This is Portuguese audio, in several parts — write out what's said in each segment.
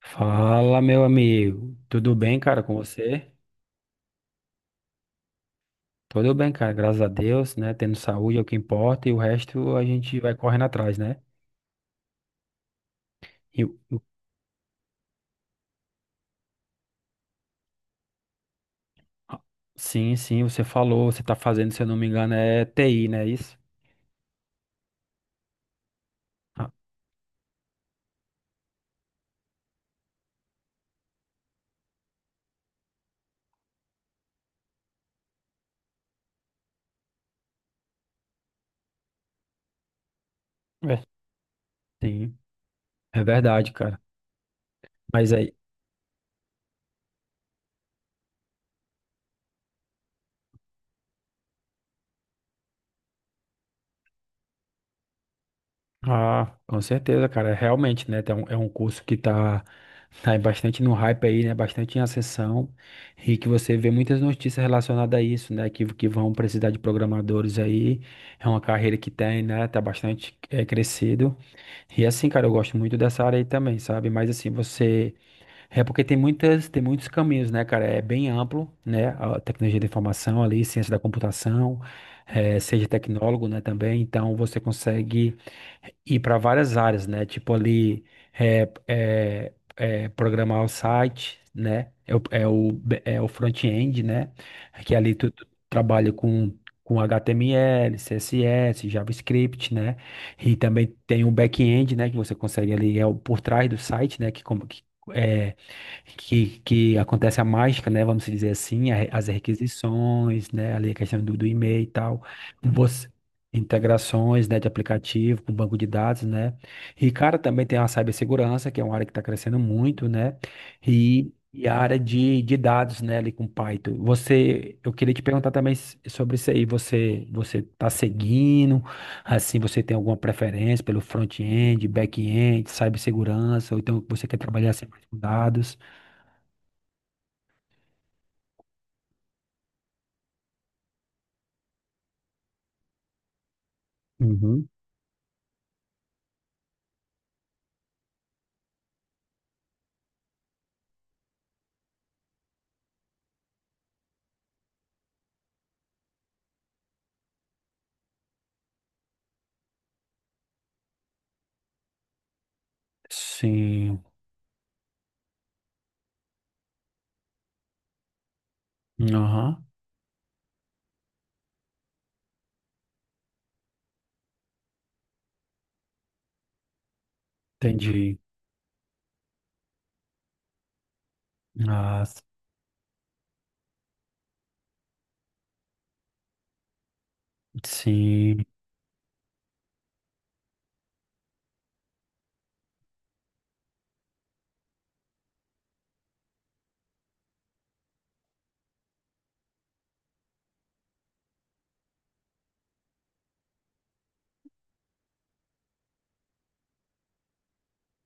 Fala, meu amigo. Tudo bem, cara, com você? Tudo bem, cara, graças a Deus, né? Tendo saúde é o que importa e o resto a gente vai correndo atrás, né? E o- o- ah, sim, sim, você falou, você tá fazendo, se eu não me engano, é TI, né? Isso? Ah, é. Sim, é verdade, cara. Mas aí, ah, com certeza, cara. É, realmente, né? É um curso que tá bastante no hype aí, né? Bastante em ascensão. E que você vê muitas notícias relacionadas a isso, né? Que vão precisar de programadores aí. É uma carreira que tem, né? Tá bastante crescido. E assim, cara, eu gosto muito dessa área aí também, sabe? Mas assim, você. É porque tem muitos caminhos, né, cara? É bem amplo, né? A tecnologia da informação ali, ciência da computação, seja tecnólogo, né, também. Então você consegue ir para várias áreas, né? Tipo ali, programar o site, né? É o front-end, né? Que ali tu trabalha com HTML, CSS, JavaScript, né? E também tem o back-end, né? Que você consegue ali, é o por trás do site, né? Que acontece a mágica, né? Vamos dizer assim, as requisições, né? Ali a questão do e-mail e tal, você, integrações, né, de aplicativo com banco de dados, né? E, cara, também tem a cibersegurança, que é uma área que está crescendo muito, né? E a área de dados, né, ali com Python. Você, eu queria te perguntar também sobre isso aí. Você tá seguindo? Assim, você tem alguma preferência pelo front-end, back-end, cibersegurança, ou então você quer trabalhar sempre com dados? Uhum. Sim. Aham. Entendi. Ah, sim.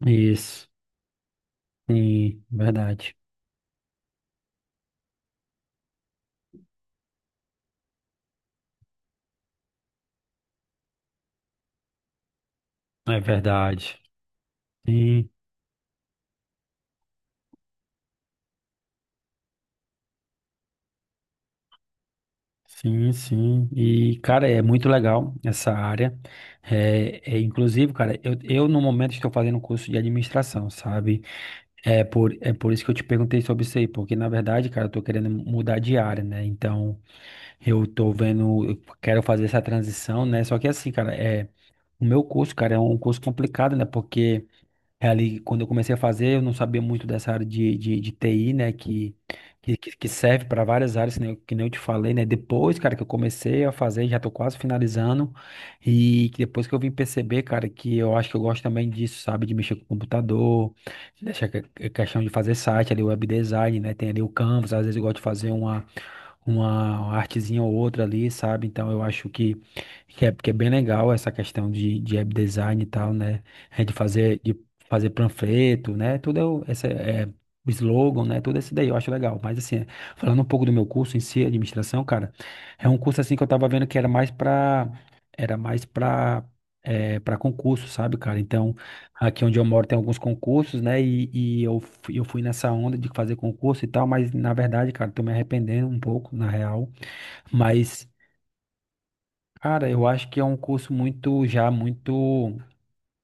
Isso. Sim, verdade. É verdade. Sim, sim, sim. E, cara, é muito legal essa área. Inclusive, cara, eu no momento estou fazendo um curso de administração, sabe? É por isso que eu te perguntei sobre isso aí, porque na verdade, cara, eu tô querendo mudar de área, né? Então, eu tô vendo, eu quero fazer essa transição, né? Só que assim, cara, é. O meu curso, cara, é um curso complicado, né? Porque é ali, quando eu comecei a fazer, eu não sabia muito dessa área de TI, né? Que serve para várias áreas, né? Que nem eu te falei, né? Depois, cara, que eu comecei a fazer, já tô quase finalizando. E que depois que eu vim perceber, cara, que eu acho que eu gosto também disso, sabe? De mexer com o computador, é questão de fazer site ali, web design, né? Tem ali o Canvas, às vezes eu gosto de fazer uma artezinha ou outra ali, sabe? Então eu acho que é bem legal essa questão de web design e tal, né? De fazer panfleto, né? Tudo é, o- essa, é, o slogan, né? Tudo isso daí eu acho legal. Mas assim, falando um pouco do meu curso em si, administração, cara, é um curso assim que eu tava vendo que era mais pra, é, para concurso, sabe, cara? Então, aqui onde eu moro tem alguns concursos, né? Eu fui nessa onda de fazer concurso e tal, mas na verdade, cara, tô me arrependendo um pouco, na real. Mas, cara, eu acho que é um curso muito, já muito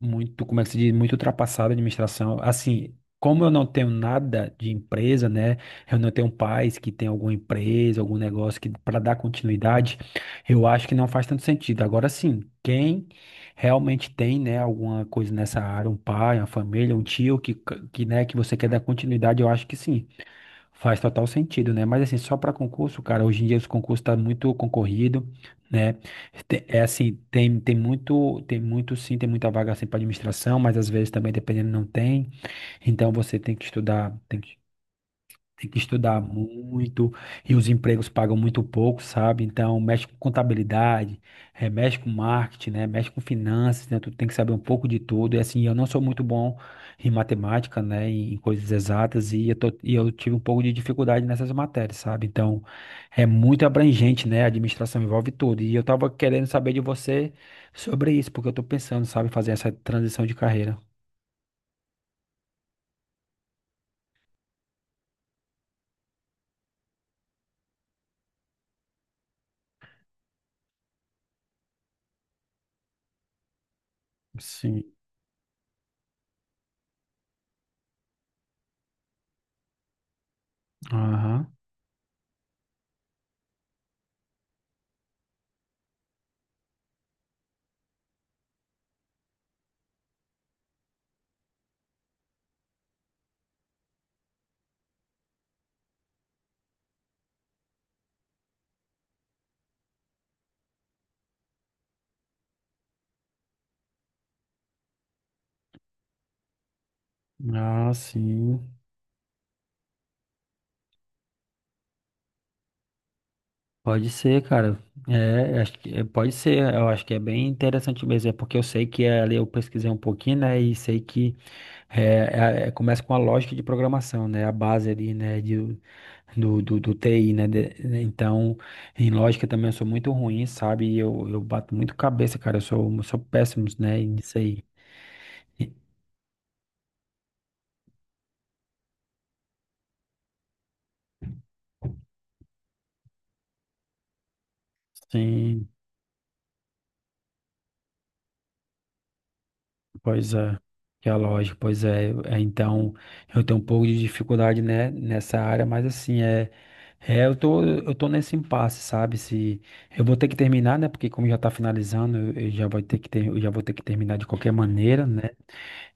muito, como é que se diz, muito ultrapassada, a administração. Assim, como eu não tenho nada de empresa, né? Eu não tenho pais que tem alguma empresa, algum negócio que para dar continuidade, eu acho que não faz tanto sentido. Agora sim, quem realmente tem, né, alguma coisa nessa área, um pai, uma família, um tio que né, que você quer dar continuidade, eu acho que sim. Faz total sentido, né? Mas assim, só para concurso, cara, hoje em dia os concursos tá muito concorrido, né? É assim, tem muito sim, tem muita vaga assim para administração, mas às vezes também dependendo não tem. Então você tem que estudar, tem que estudar muito e os empregos pagam muito pouco, sabe? Então, mexe com contabilidade, mexe com marketing, né? Mexe com finanças, né? Tu tem que saber um pouco de tudo. E assim, eu não sou muito bom em matemática, né? Em coisas exatas e eu tive um pouco de dificuldade nessas matérias, sabe? Então, é muito abrangente, né? A administração envolve tudo. E eu tava querendo saber de você sobre isso, porque eu tô pensando, sabe, em fazer essa transição de carreira. Sim. Aham. Ah, sim. Pode ser, cara. Pode ser. Eu acho que é bem interessante mesmo. É porque eu sei que é, ali eu pesquisei um pouquinho, né? E sei que é, começa com a lógica de programação, né? A base ali, né? De, do TI, né? Né, então, em lógica também eu sou muito ruim, sabe? Eu bato muito cabeça, cara. Eu sou péssimo, né? Nisso aí. Sim, pois é, que é lógico, pois é, é, então eu tenho um pouco de dificuldade, né, nessa área, mas assim, eu tô nesse impasse, sabe, se, eu vou ter que terminar, né, porque como já tá finalizando, eu já vou ter que terminar de qualquer maneira, né,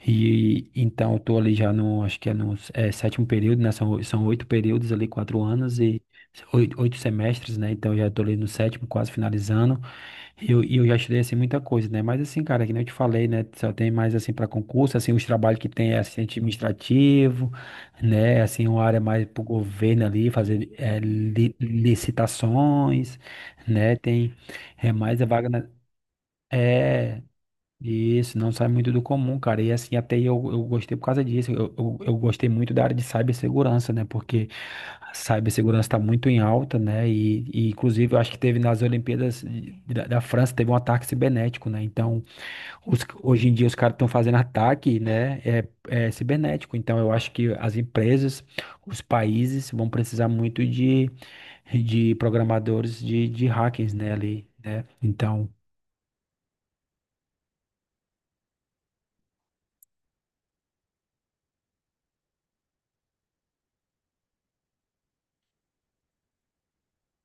e então eu tô ali já no, acho que é no é, sétimo período, né, são, são oito períodos ali, quatro anos e oito, oito semestres, né, então eu já tô ali no sétimo, quase finalizando, e eu já estudei, assim, muita coisa, né? Mas, assim, cara, que nem eu te falei, né? Só tem mais, assim, para concurso, assim, os trabalhos que tem é assistente administrativo, né? Assim, uma área mais pro governo ali, fazer licitações, né? Tem é mais a vaga na, é, isso, não sai muito do comum, cara. E assim, até eu gostei por causa disso. Eu gostei muito da área de cibersegurança, né? Porque a cibersegurança está muito em alta, né? E inclusive eu acho que teve nas Olimpíadas da França, teve um ataque cibernético, né? Então, hoje em dia os caras estão fazendo ataque, né? É cibernético. Então, eu acho que as empresas, os países vão precisar muito de programadores de hackers, né? Ali, né? Então.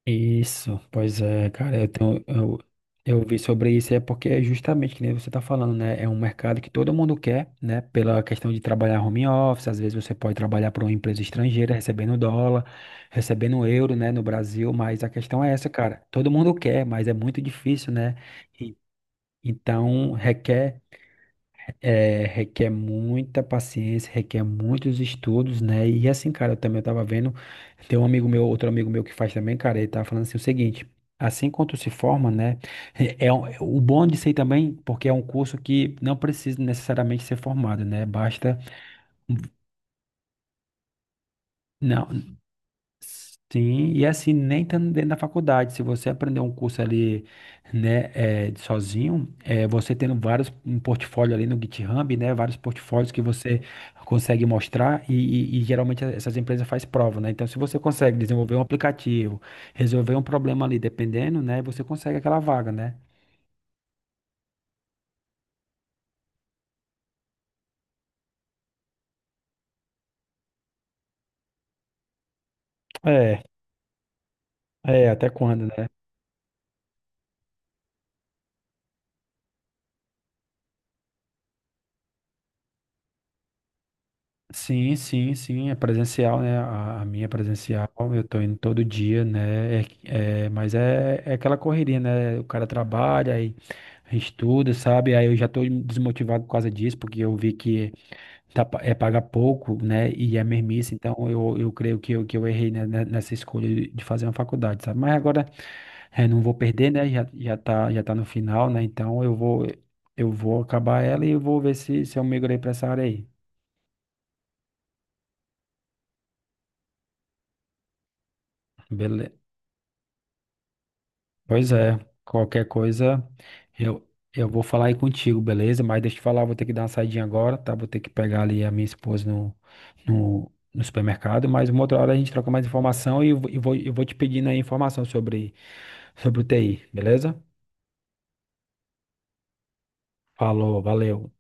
Isso, pois é, cara, eu vi sobre isso, é porque é justamente que nem você está falando, né? É um mercado que todo mundo quer, né? Pela questão de trabalhar home office, às vezes você pode trabalhar para uma empresa estrangeira, recebendo dólar, recebendo euro, né? No Brasil, mas a questão é essa, cara. Todo mundo quer, mas é muito difícil, né? E, então requer é, requer muita paciência, requer muitos estudos, né? E assim, cara, eu também tava vendo, tem um amigo meu, outro amigo meu que faz também, cara, ele tava falando assim o seguinte, assim quanto se forma, né? É o bom de ser também, porque é um curso que não precisa necessariamente ser formado, né? Basta, não, sim, e assim, nem estando dentro da faculdade, se você aprender um curso ali, né, de sozinho, você tendo vários, um portfólio ali no GitHub, né, vários portfólios que você consegue mostrar e geralmente essas empresas fazem prova, né, então se você consegue desenvolver um aplicativo, resolver um problema ali, dependendo, né, você consegue aquela vaga, né. É, até quando, né? Sim, sim, sim, é presencial, né? A minha é presencial, eu tô indo todo dia, né? Mas é aquela correria, né? O cara trabalha, aí estuda, sabe? Aí eu já tô desmotivado por causa disso, porque eu vi que tá, é paga pouco, né? E é mermice, então eu creio que eu errei, né, nessa escolha de fazer uma faculdade, sabe? Mas agora é, não vou perder, né? Já tá no final, né? Então eu vou acabar ela e eu vou ver se eu migrei pra essa área aí. Beleza. Pois é, qualquer coisa eu, eu vou falar aí contigo, beleza? Mas deixa eu te falar, vou ter que dar uma saidinha agora, tá? Vou ter que pegar ali a minha esposa no supermercado, mas uma outra hora a gente troca mais informação eu vou te pedindo aí informação sobre, sobre o TI, beleza? Falou, valeu.